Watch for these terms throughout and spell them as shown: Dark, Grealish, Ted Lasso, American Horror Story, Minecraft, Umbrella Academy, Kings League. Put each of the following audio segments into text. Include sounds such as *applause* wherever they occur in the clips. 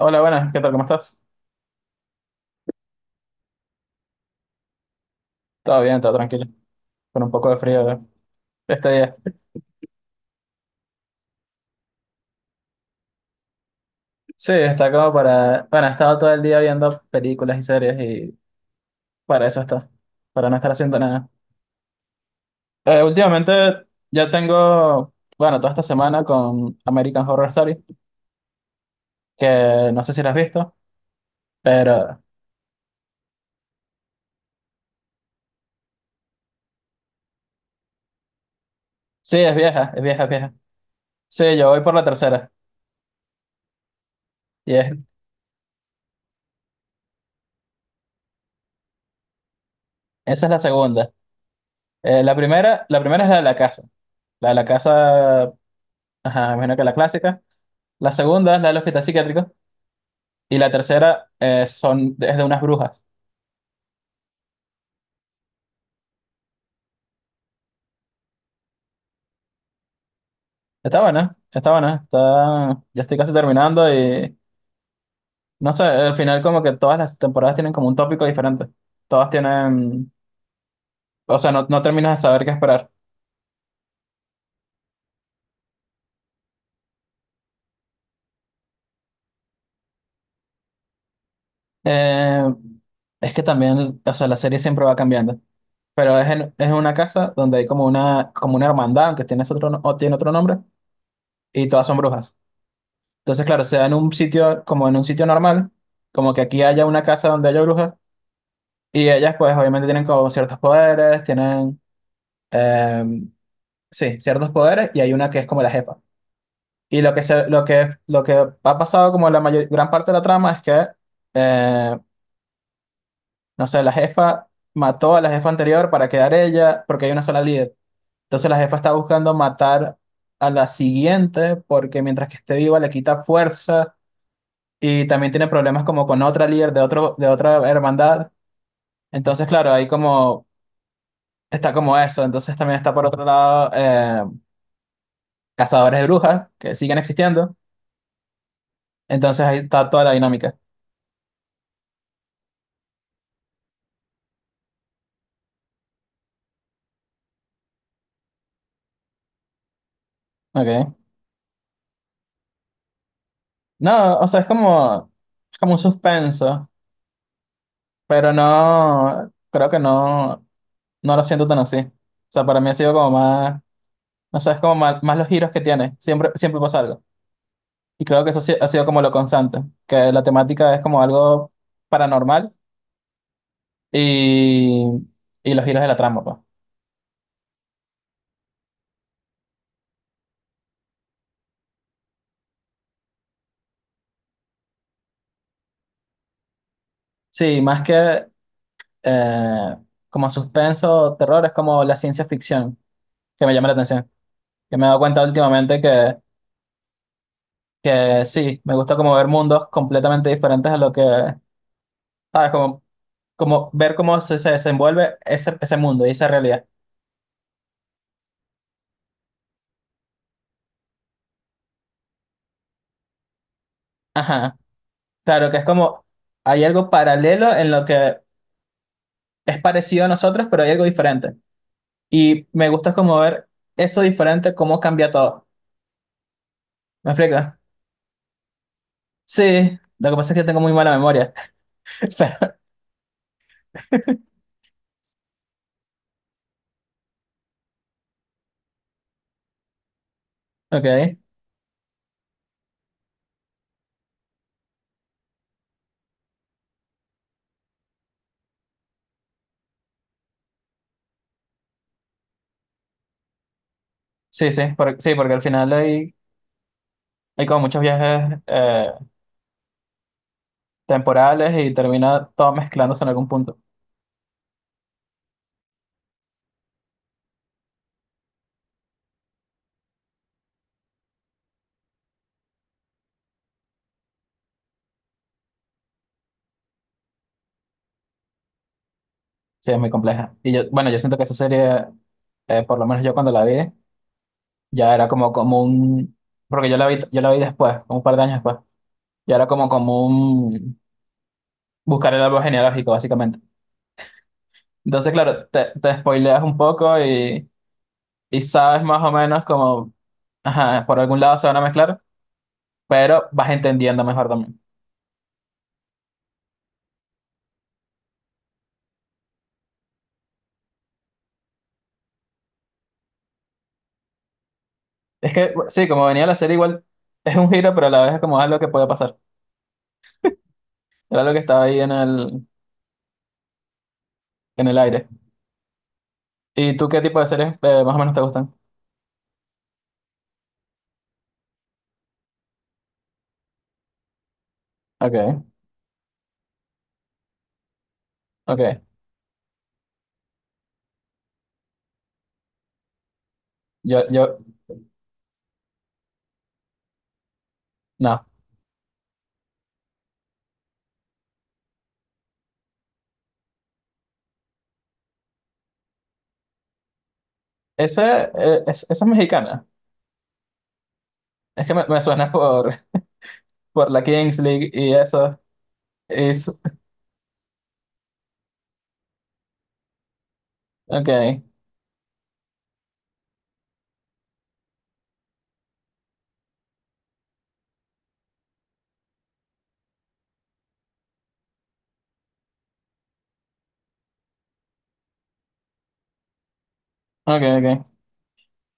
Hola, buenas, ¿qué tal? ¿Cómo estás? Todo bien, todo tranquilo. Con un poco de frío este día. Sí, está como para... Bueno, he estado todo el día viendo películas y series y para eso está. Para no estar haciendo nada. Últimamente ya tengo... Bueno, toda esta semana con American Horror Story, que no sé si la has visto, pero sí, es vieja. Sí, yo voy por la tercera. Y es- Esa es la segunda. La primera, la primera es la de la casa. La de la casa, ajá, me imagino que la clásica. La segunda es la del hospital psiquiátrico. Y la tercera es de unas brujas. Está buena, está buena, está, ya estoy casi terminando y no sé, al final como que todas las temporadas tienen como un tópico diferente. Todas tienen, o sea, no terminas de saber qué esperar. Eh, es que también, o sea, la serie siempre va cambiando, pero es en una casa donde hay como una hermandad, aunque tiene otro, o tiene otro nombre, y todas son brujas. Entonces, claro, se da en un sitio, como en un sitio normal, como que aquí haya una casa donde haya brujas. Y ellas pues obviamente tienen como ciertos poderes, tienen, em, sí, ciertos poderes y hay una que es como la jefa. Y lo que, se, lo que, Lo que ha pasado como gran parte de la trama es que, eh, no sé, la jefa mató a la jefa anterior para quedar ella porque hay una sola líder. Entonces la jefa está buscando matar a la siguiente porque mientras que esté viva le quita fuerza y también tiene problemas como con otra líder de, de otra hermandad. Entonces, claro, ahí como... Está como eso, entonces también está por otro lado cazadores de brujas que siguen existiendo. Entonces ahí está toda la dinámica. Ok. No, o sea, es como un suspenso, pero no, creo que no lo siento tan así. O sea, para mí ha sido como más, no sé, es como más, más los giros que tiene. Siempre pasa algo. Y creo que eso ha si- ha sido como lo constante, que la temática es como algo paranormal y, y los giros de la trama, pues. Sí, más que eh, como suspenso, o terror, es como la ciencia ficción que me llama la atención. Yo me he dado cuenta últimamente que sí, me gusta como ver mundos completamente diferentes a lo que, ¿sabes? Como ver cómo se desenvuelve ese mundo y esa realidad. Ajá. Claro que hay algo paralelo en lo que es parecido a nosotros, pero hay algo diferente. Y me gusta como ver eso diferente, cómo cambia todo. ¿Me explica? Sí, lo que pasa es que tengo muy mala memoria. *laughs* Pero, ok. Sí, porque al final hay como muchos viajes temporales y termina todo mezclándose en algún punto. Sí, es muy compleja. Y yo, bueno, yo siento que esa serie, por lo menos yo cuando la vi, ya era porque yo la vi después, como un par de años después, ya era como un buscar el árbol genealógico, básicamente. Entonces, claro, te spoileas un poco y sabes más o menos como, ajá, por algún lado se van a mezclar, pero vas entendiendo mejor también. Es que, sí, como venía la serie igual, es un giro, pero a la vez es como algo que puede pasar. Era algo que estaba ahí en el aire. ¿Y tú qué tipo de series más o menos te gustan? Ok, ok. Yo, yo, no. Ese, Esa es mexicana. Me suena por la Kings League y eso. Es, ok, ok.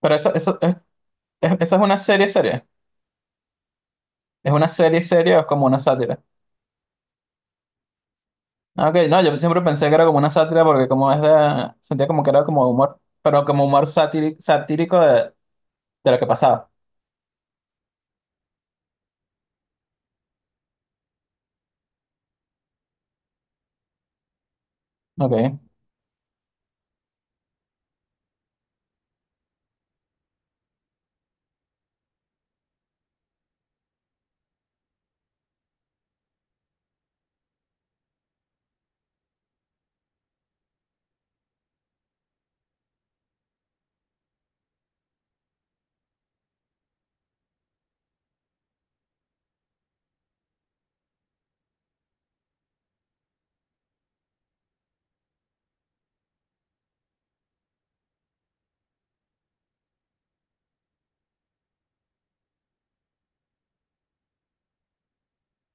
Pero eso, eso, es, Eso es una serie serie. ¿Es una serie serie o es como una sátira? Ah, ok, no, yo siempre pensé que era como una sátira porque como es de, sentía como que era como humor, pero como humor satírico de lo que pasaba. Ok,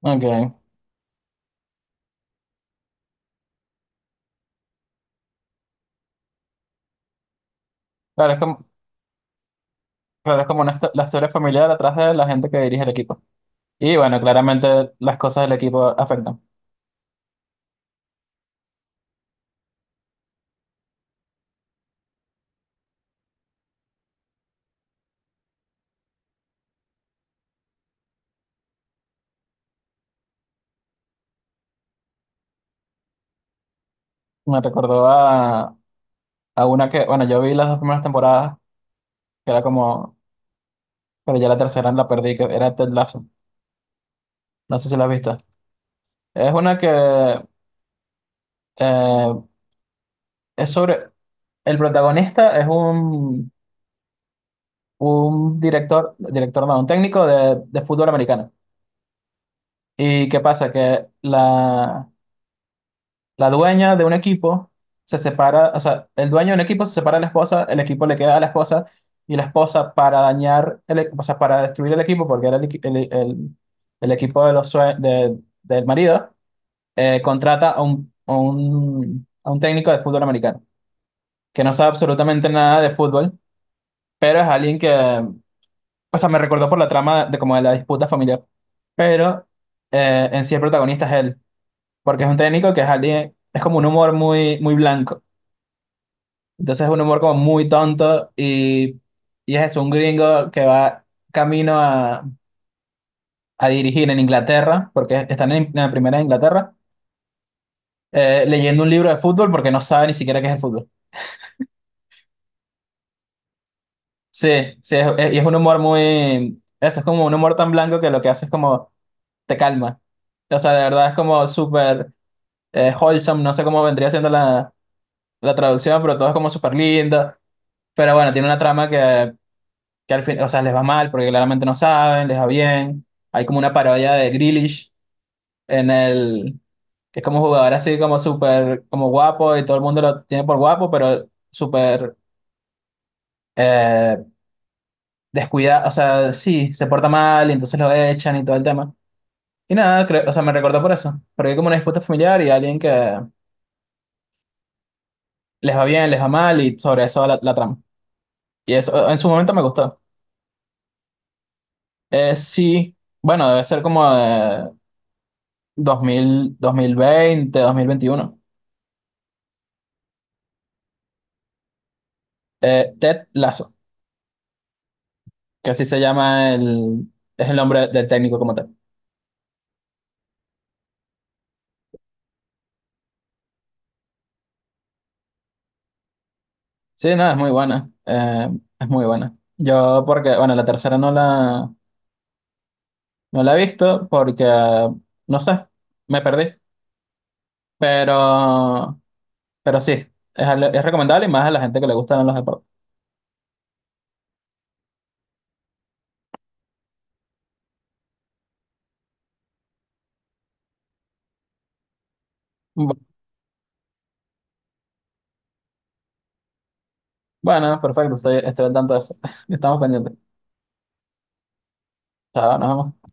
ok. Claro, es como, claro, es como una, la historia familiar atrás de la gente que dirige el equipo. Y bueno, claramente las cosas del equipo afectan. Me recordó a una que, bueno, yo vi las dos primeras temporadas, que era como, pero ya la tercera la perdí, que era Ted Lasso. No sé si la has visto. Es una que eh, es sobre, el protagonista es un director, director no, un técnico de fútbol americano. ¿Y qué pasa? La dueña de un equipo se separa, o sea, el dueño de un equipo se separa de la esposa, el equipo le queda a la esposa y la esposa para dañar, o sea, para destruir el equipo, porque era el equipo de los del marido, contrata a un, a un técnico de fútbol americano, que no sabe absolutamente nada de fútbol, pero es alguien que, o sea, me recordó por la trama de, como de la disputa familiar, pero en sí el protagonista es él, porque es un técnico que es alguien, es como un humor muy blanco. Entonces es un humor como muy tonto y es eso, un gringo que va camino a dirigir en Inglaterra, porque están en la primera de Inglaterra, leyendo un libro de fútbol porque no sabe ni siquiera qué es el fútbol. Sí, y es un humor muy... Eso es como un humor tan blanco que lo que hace es como te calma. O sea, de verdad es como súper wholesome, no sé cómo vendría siendo la traducción, pero todo es como súper lindo. Pero bueno, tiene una trama que al fin, o sea, les va mal porque claramente no saben, les va bien. Hay como una parodia de Grealish en el, que es como un jugador así como súper, como guapo y todo el mundo lo tiene por guapo, pero súper eh, descuidado, o sea, sí, se porta mal y entonces lo echan y todo el tema. Y nada, o sea, me recordó por eso, porque hay como una disputa familiar y alguien que les va bien, les va mal y sobre eso va la trama. Y eso en su momento me gustó. Sí, bueno, debe ser como de 2000, 2020, 2021. Ted Lasso, que así se llama el, es el nombre del técnico como tal. Sí, no, es muy buena, es muy buena. Yo porque, bueno, la tercera no la he visto porque, no sé, me perdí, pero, pero sí, es recomendable y más a la gente que le gustan los deportes. Bu- Bueno, perfecto, estoy al tanto de eso. *laughs* Estamos pendientes. Chao, nos vemos.